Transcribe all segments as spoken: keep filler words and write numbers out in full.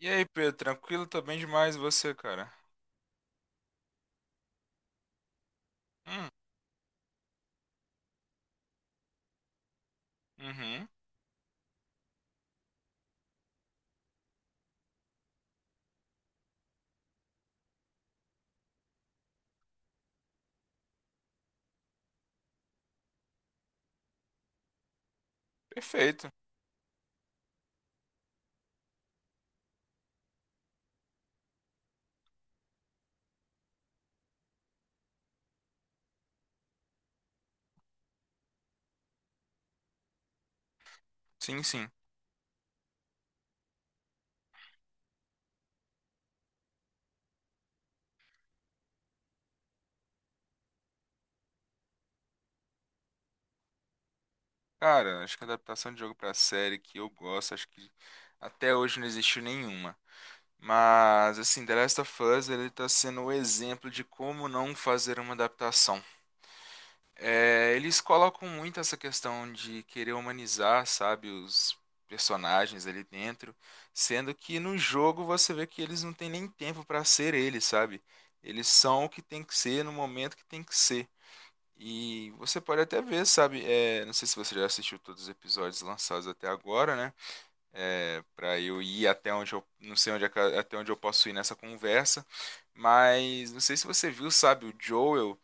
E aí, Pedro, tranquilo? Tô bem demais, e você, cara? Hum. Uhum. Perfeito. Sim, sim. Cara, acho que a adaptação de jogo pra série que eu gosto, acho que até hoje não existiu nenhuma. Mas, assim, The Last of Us, ele tá sendo o exemplo de como não fazer uma adaptação. É, eles colocam muito essa questão de querer humanizar, sabe, os personagens ali dentro, sendo que no jogo você vê que eles não têm nem tempo para ser eles, sabe? Eles são o que tem que ser no momento que tem que ser. E você pode até ver, sabe? É, não sei se você já assistiu todos os episódios lançados até agora, né? É, para eu ir até onde eu não sei onde é que- até onde eu posso ir nessa conversa, mas não sei se você viu, sabe? O Joel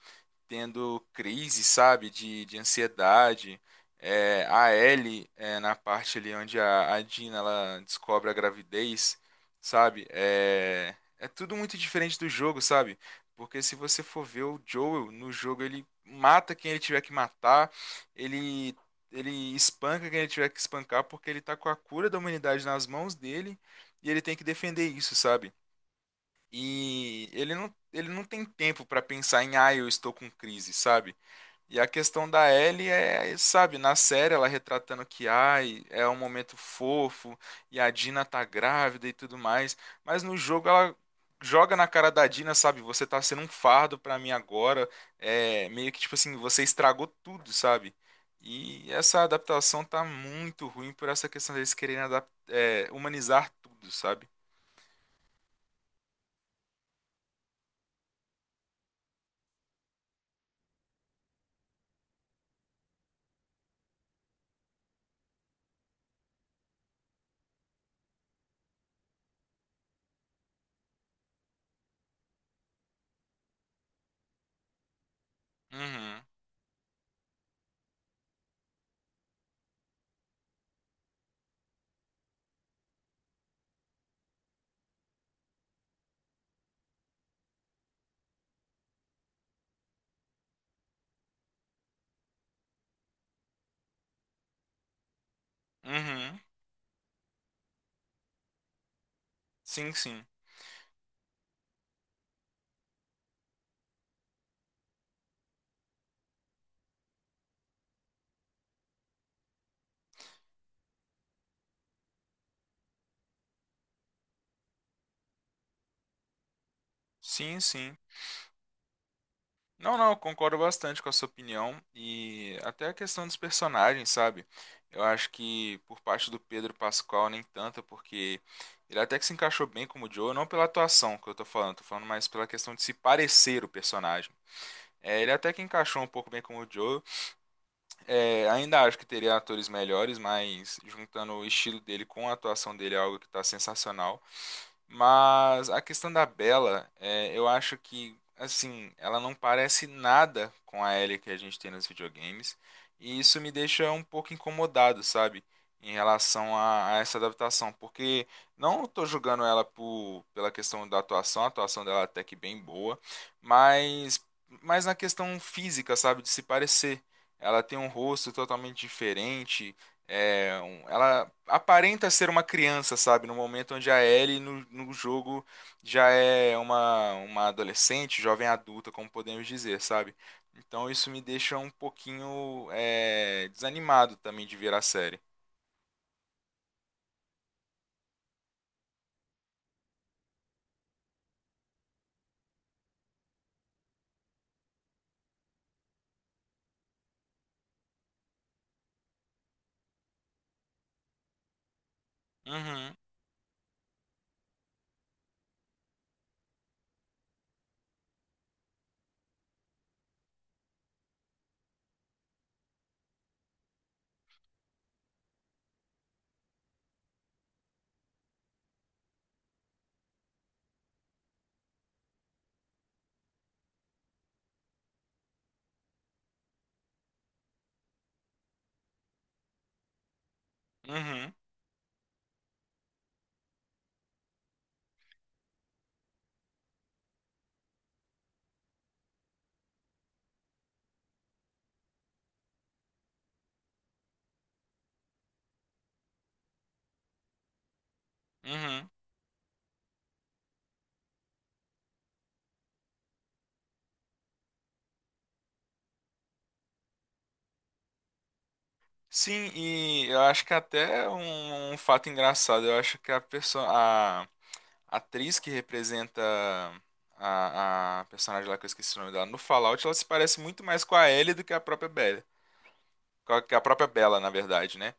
tendo crise, sabe, de, de ansiedade. É, a Ellie, é, na parte ali onde a, a Dina ela descobre a gravidez, sabe, é, é tudo muito diferente do jogo, sabe? Porque se você for ver o Joel no jogo, ele mata quem ele tiver que matar, ele ele espanca quem ele tiver que espancar porque ele tá com a cura da humanidade nas mãos dele e ele tem que defender isso, sabe? E ele não, ele não tem tempo para pensar em, ah, eu estou com crise, sabe? E a questão da Ellie é, sabe, na série ela retratando que, ai, é um momento fofo e a Dina tá grávida e tudo mais, mas no jogo ela joga na cara da Dina, sabe? Você tá sendo um fardo pra mim agora, é meio que tipo assim, você estragou tudo, sabe? E essa adaptação tá muito ruim por essa questão deles quererem adap- é, humanizar tudo, sabe? Uhum, uhum. Sim, sim. Sim, sim. Não, não, eu concordo bastante com a sua opinião e até a questão dos personagens, sabe? Eu acho que por parte do Pedro Pascal nem tanto, porque ele até que se encaixou bem como o Joe, não pela atuação que eu tô falando, tô falando mais pela questão de se parecer o personagem. É, ele até que encaixou um pouco bem como o Joe. É, ainda acho que teria atores melhores, mas juntando o estilo dele com a atuação dele é algo que está sensacional. Mas a questão da Bella, é, eu acho que, assim, ela não parece nada com a Ellie que a gente tem nos videogames. E isso me deixa um pouco incomodado, sabe? Em relação a, a essa adaptação. Porque não estou julgando ela por, pela questão da atuação, a atuação dela é até que bem boa. Mas, mas na questão física, sabe? De se parecer. Ela tem um rosto totalmente diferente. É, um- ela aparenta ser uma criança, sabe? No momento onde a Ellie no, no jogo já é uma, uma adolescente, jovem adulta, como podemos dizer, sabe? Então isso me deixa um pouquinho é, desanimado também de ver a série. Uhum, uhum, uhum. Sim, e eu acho que até um, um fato engraçado, eu acho que a pessoa, a atriz que representa a, a personagem lá que eu esqueci o nome dela no Fallout, ela se parece muito mais com a Ellie do que a própria Bella. Com a, que a própria Bella, na verdade, né?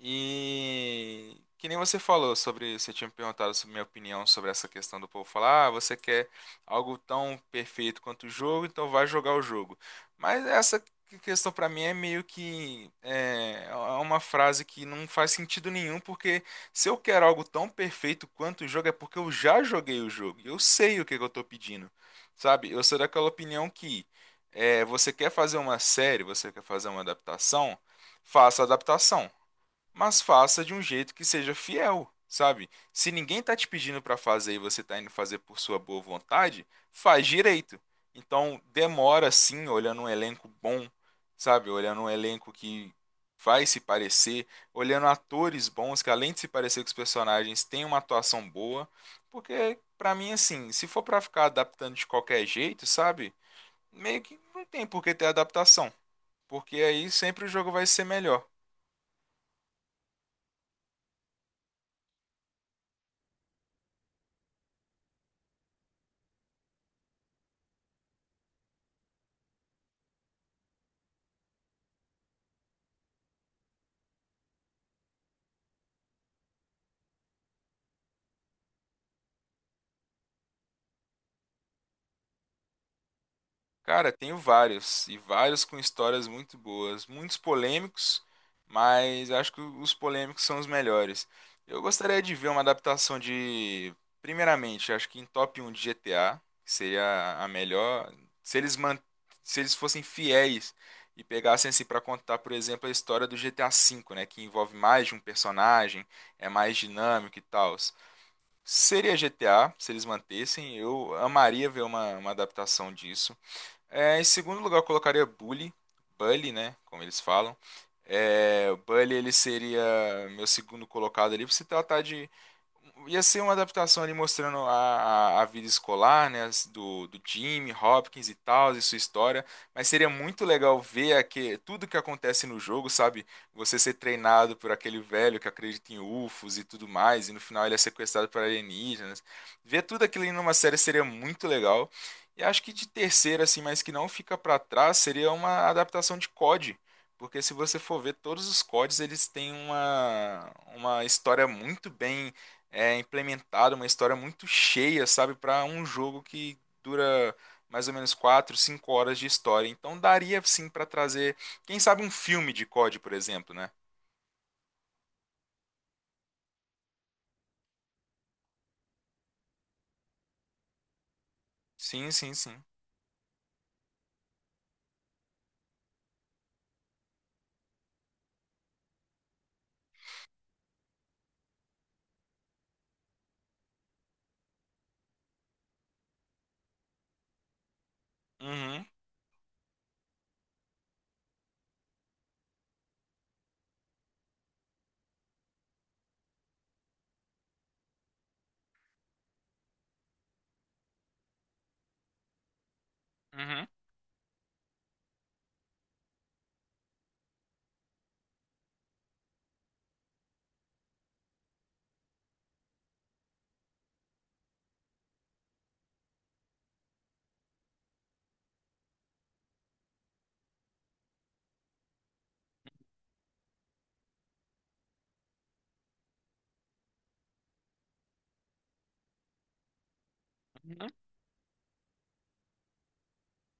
E que nem você falou sobre, você tinha me perguntado sobre minha opinião sobre essa questão do povo falar, ah, você quer algo tão perfeito quanto o jogo, então vai jogar o jogo. Mas essa que- questão pra mim é meio que é, é uma frase que não faz sentido nenhum, porque se eu quero algo tão perfeito quanto o jogo é porque eu já joguei o jogo, eu sei o que que eu tô pedindo, sabe? Eu sou daquela opinião que é, você quer fazer uma série, você quer fazer uma adaptação, faça a adaptação mas faça de um jeito que seja fiel, sabe? Se ninguém tá te pedindo para fazer e você tá indo fazer por sua boa vontade, faz direito. Então, demora sim, olhando um elenco bom, sabe? Olhando um elenco que vai se parecer, olhando atores bons que além de se parecer com os personagens, tem uma atuação boa, porque pra mim assim, se for pra ficar adaptando de qualquer jeito, sabe? Meio que não tem por que ter adaptação, porque aí sempre o jogo vai ser melhor. Cara, tenho vários, e vários com histórias muito boas, muitos polêmicos, mas acho que os polêmicos são os melhores. Eu gostaria de ver uma adaptação de, primeiramente, acho que em top um de G T A, que seria a melhor, se eles man... se eles fossem fiéis e pegassem assim para contar, por exemplo, a história do G T A vê, né, que envolve mais de um personagem, é mais dinâmico e tal. Seria G T A, se eles mantessem, eu amaria ver uma uma adaptação disso. É, em segundo lugar, eu colocaria Bully, Bully, né? Como eles falam. É, o Bully ele seria meu segundo colocado ali, pra se tratar de. Ia ser uma adaptação ali mostrando a, a, a vida escolar, né, as- do, do Jimmy, Hopkins e tal, e sua história, mas seria muito legal ver aque- tudo que acontece no jogo, sabe? Você ser treinado por aquele velho que acredita em ufos e tudo mais, e no final ele é sequestrado por alienígenas. Ver tudo aquilo em uma série seria muito legal. E acho que de terceira, assim, mas que não fica pra trás, seria uma adaptação de C O D. Porque se você for ver todos os C O Ds, eles têm uma, uma história muito bem é implementado uma história muito cheia, sabe, para um jogo que dura mais ou menos quatro, cinco horas de história. Então daria sim para trazer, quem sabe um filme de cód, por exemplo, né? Sim, sim, sim. Uhum, uhum, uhum.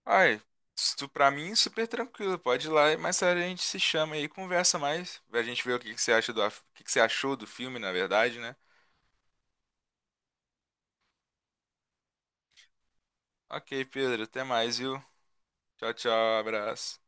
Ai, isso pra mim é super tranquilo, pode ir lá, mas a gente se chama aí, e conversa mais, a gente vê o que que você acha do, af- o que que você achou do filme, na verdade, né? Ok, Pedro, até mais, viu? Tchau, tchau, abraço.